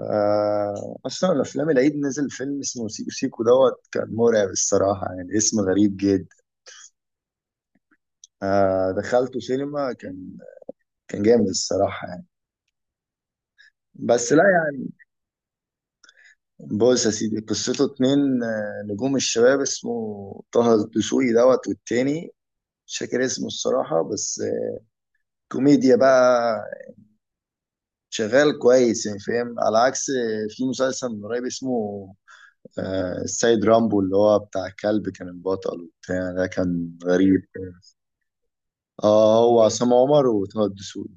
اصلا افلام العيد نزل فيلم اسمه سيكو سيكو دوت، كان مرعب الصراحه، يعني اسم غريب جدا. دخلته سينما. كان جامد الصراحه يعني. بس لا يعني، بص يا سيدي قصته اتنين، نجوم الشباب، اسمه طه الدسوقي دوت، والتاني مش فاكر اسمه الصراحه، بس كوميديا بقى، شغال كويس يعني فاهم. على عكس في مسلسل من قريب اسمه السيد رامبو، اللي هو بتاع الكلب كان البطل وبتاع، ده كان غريب. اه هو عصام عمر وطه الدسوقي.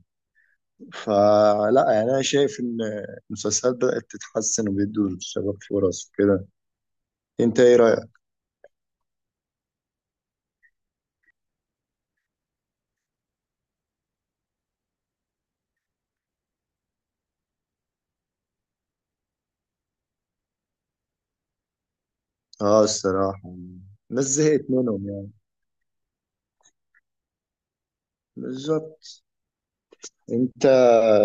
فلا يعني، انا شايف ان المسلسلات بدأت تتحسن وبيدوا للشباب فرص وكده. انت ايه رأيك؟ اه الصراحة. الناس زهقت منهم يعني. بالظبط. انت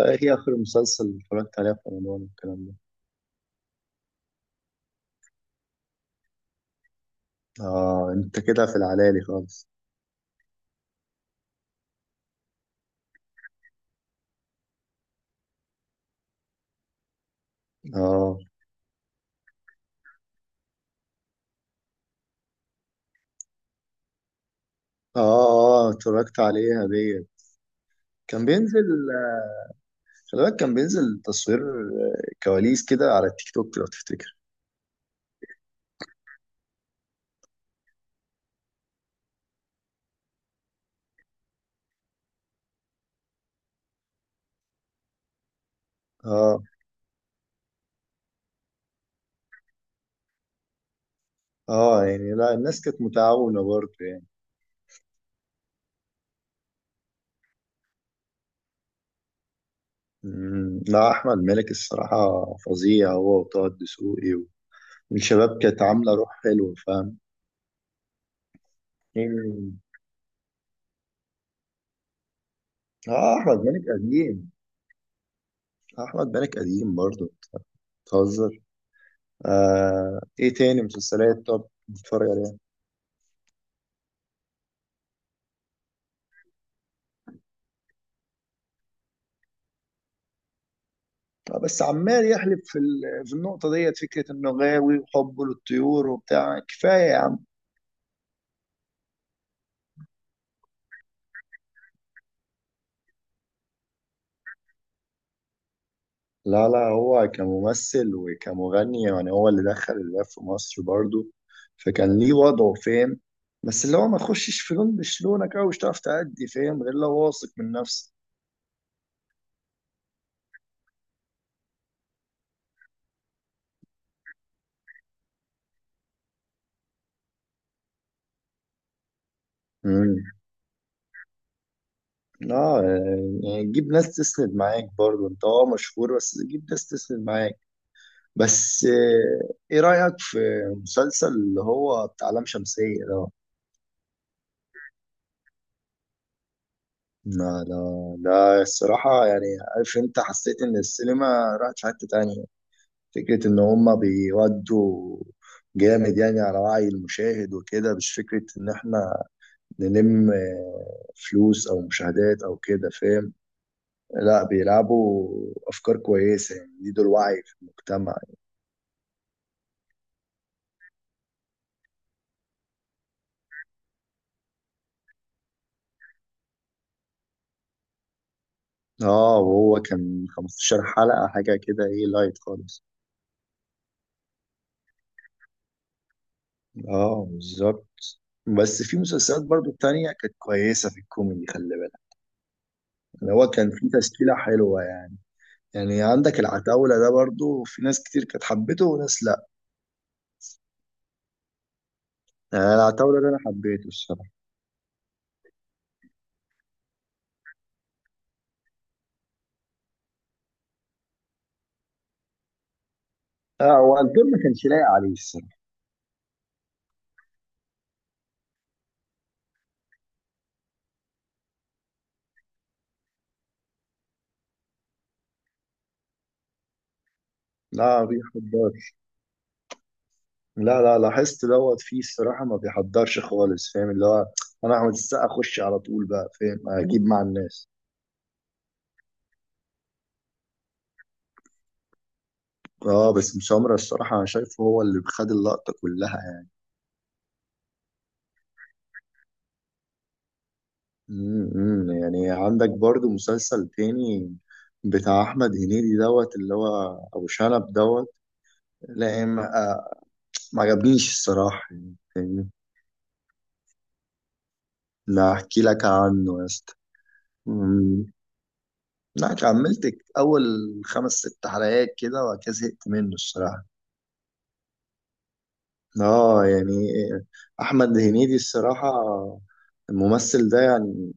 ايه اخر مسلسل اتفرجت عليه في رمضان والكلام ده؟ اه انت كده في العلالي خالص. اه اه اتفرجت عليها ديت. كان بينزل، خلي بالك كان بينزل تصوير كواليس كده على التيك توك لو تفتكر. اه اه يعني لا الناس كانت متعاونة برضه يعني. مم. لا أحمد مالك الصراحة فظيع، هو وطه الدسوقي والشباب كانت عاملة روح حلوة فاهم. مم. اه أحمد مالك قديم، أحمد مالك قديم برضه، بتهزر. آه ايه تاني مسلسلات طب بتتفرج عليها؟ آه بس عمال يحلب في في النقطة ديت، فكرة انه غاوي وحبه للطيور وبتاع، كفاية يا عم. لا هو كممثل وكمغني، يعني هو اللي دخل الراب في مصر برضو، فكان ليه وضعه فاهم. بس اللي هو ما تخشش في لون مش لونك أوي، مش هتعرف تأدي فاهم، غير لو واثق من نفسك. امم، اه يعني جيب ناس تسند معاك برضو، انت اه مشهور بس جيب ناس تسند معاك. بس ايه رأيك في مسلسل اللي هو بتاع لام شمسية ده؟ لا ده الصراحة يعني، عارف انت، حسيت ان السينما راحت في حتة تانية. فكرة إن هما بيودوا جامد يعني على وعي المشاهد وكده، مش فكرة إن إحنا نلم فلوس أو مشاهدات أو كده فاهم. لا بيلعبوا أفكار كويسة، يعني يزيدوا الوعي في المجتمع. آه وهو كان 15 حلقة حاجة كده، إيه لايت خالص. آه بالظبط. بس في مسلسلات برضو التانية كانت كويسة في الكوميدي خلي بالك. اللي هو كان في تشكيلة حلوة يعني، يعني عندك العتاولة ده برضو، في ناس كتير كانت حبته وناس. انا العتاولة ده انا حبيته الصراحه. لا هو الدور ما كانش لايق عليه الصراحه. لا ما بيحضرش. لا لاحظت دوت فيه الصراحه، ما بيحضرش خالص فاهم اللي هو، انا احمد السقا اخش على طول بقى فاهم اجيب مع الناس. اه بس مسامرة الصراحة أنا شايفه هو اللي خد اللقطة كلها يعني. امم، يعني عندك برضو مسلسل تاني بتاع أحمد هنيدي دوت، اللي هو أبو شنب دوت. لا ما آه، ما عجبنيش الصراحة يعني فاهمني؟ لا أحكي لك عنه يا اسطى. لا كملت اول خمس ست حلقات كده، وبعد كده زهقت منه الصراحه. اه يعني احمد هنيدي الصراحه، الممثل ده يعني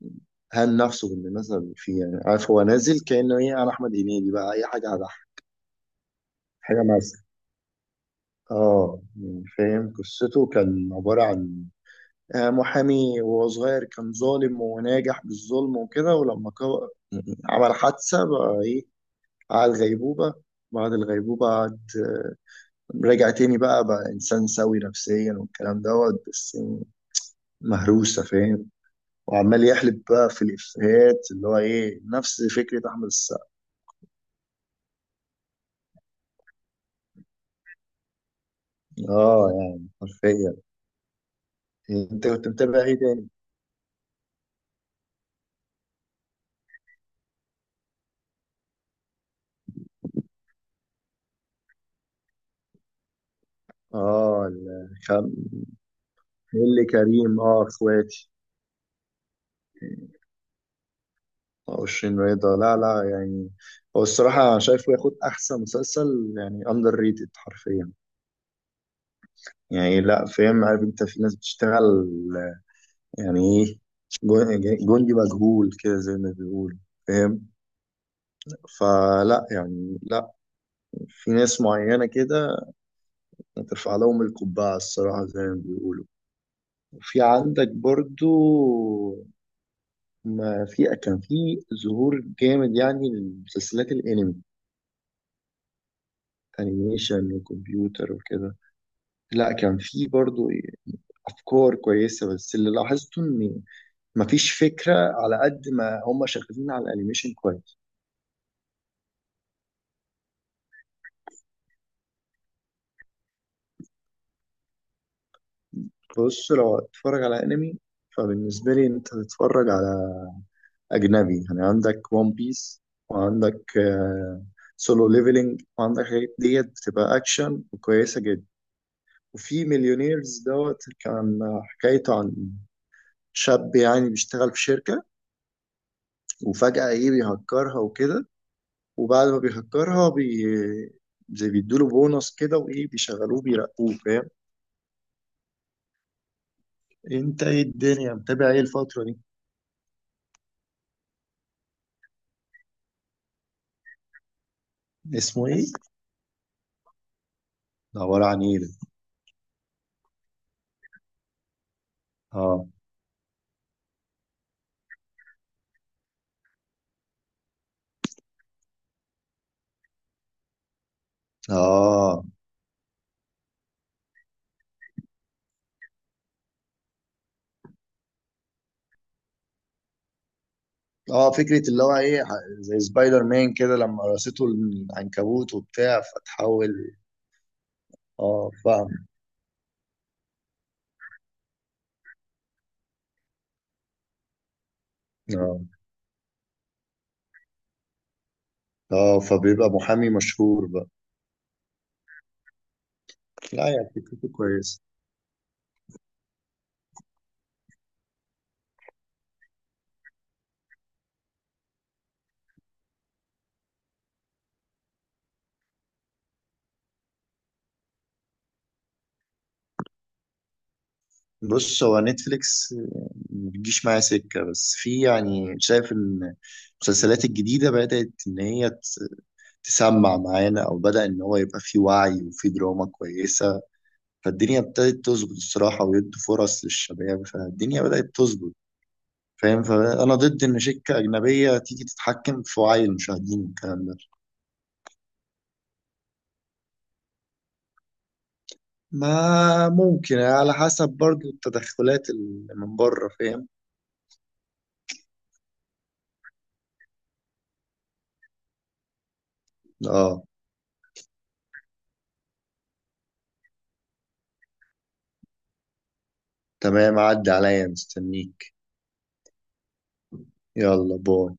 هان نفسه بالمناسبه اللي فيه. يعني عارف، هو نازل كانه ايه، انا احمد هنيدي بقى، اي حاجه هضحك حاجه مثلا. اه يعني فاهم، قصته كان عباره عن محامي، وهو صغير كان ظالم وناجح بالظلم وكده، ولما عمل حادثة بقى ايه، قعد غيبوبة، بعد الغيبوبة قعد، رجع تاني بقى، إنسان سوي نفسيا والكلام دوت، بس مهروسة فاهم. وعمال يحلب بقى في الإفيهات، اللي هو إيه نفس فكرة أحمد السقا. آه يعني حرفيا. أنت كنت متابع إيه تاني؟ آه الخم... اللي كريم آه إخواتي. وشين رضا. لا لا يعني هو الصراحة أنا شايفه ياخد أحسن مسلسل، يعني أندر ريتد حرفيا. يعني لا فاهم، عارف أنت في ناس بتشتغل يعني ايه، جندي مجهول كده زي ما بيقول فاهم. فلا يعني، لا في ناس معينة كده ترفع لهم القبعة الصراحة زي ما بيقولوا. في عندك برضو، ما في كان في ظهور جامد يعني لمسلسلات الانمي، انيميشن وكمبيوتر وكده. لا كان في برضو افكار كويسة، بس اللي لاحظته ان مفيش فكرة على قد ما هم شغالين على الانيميشن كويس. بص لو هتتفرج على انمي، فبالنسبة لي انت تتفرج على اجنبي، يعني عندك ون بيس، وعندك سولو ليفلينج، وعندك حاجات ديت بتبقى اكشن وكويسة جدا. وفي مليونيرز دوت، كان حكايته عن شاب يعني بيشتغل في شركة، وفجأة ايه بيهكرها وكده، وبعد ما بيهكرها زي بيدوله بونص كده، وايه بيشغلوه بيرقوه فاهم. انت ايه الدنيا متابع ايه الفترة دي؟ اسمه ايه؟ ده عبارة عن ايه ده؟ اه اه اه فكرة اللي هو ايه زي سبايدر مان كده لما قرصته العنكبوت وبتاع فتحول. اه فاهم. اه اه فبيبقى محامي مشهور بقى. لا يعني فكرته كويسة. بص هو نتفليكس ما بتجيش معايا سكة، بس في يعني شايف ان المسلسلات الجديدة بدأت ان هي تسمع معانا، او بدأ ان هو يبقى في وعي وفي دراما كويسة. فالدنيا ابتدت تظبط الصراحة، ويدوا فرص للشباب، فالدنيا بدأت تظبط فاهم. فانا ضد ان شركه اجنبيه تيجي تتحكم في وعي المشاهدين والكلام ده. ما ممكن على حسب برضو التدخلات اللي من بره فاهم. اه تمام، عدي عليا مستنيك. يلا باي.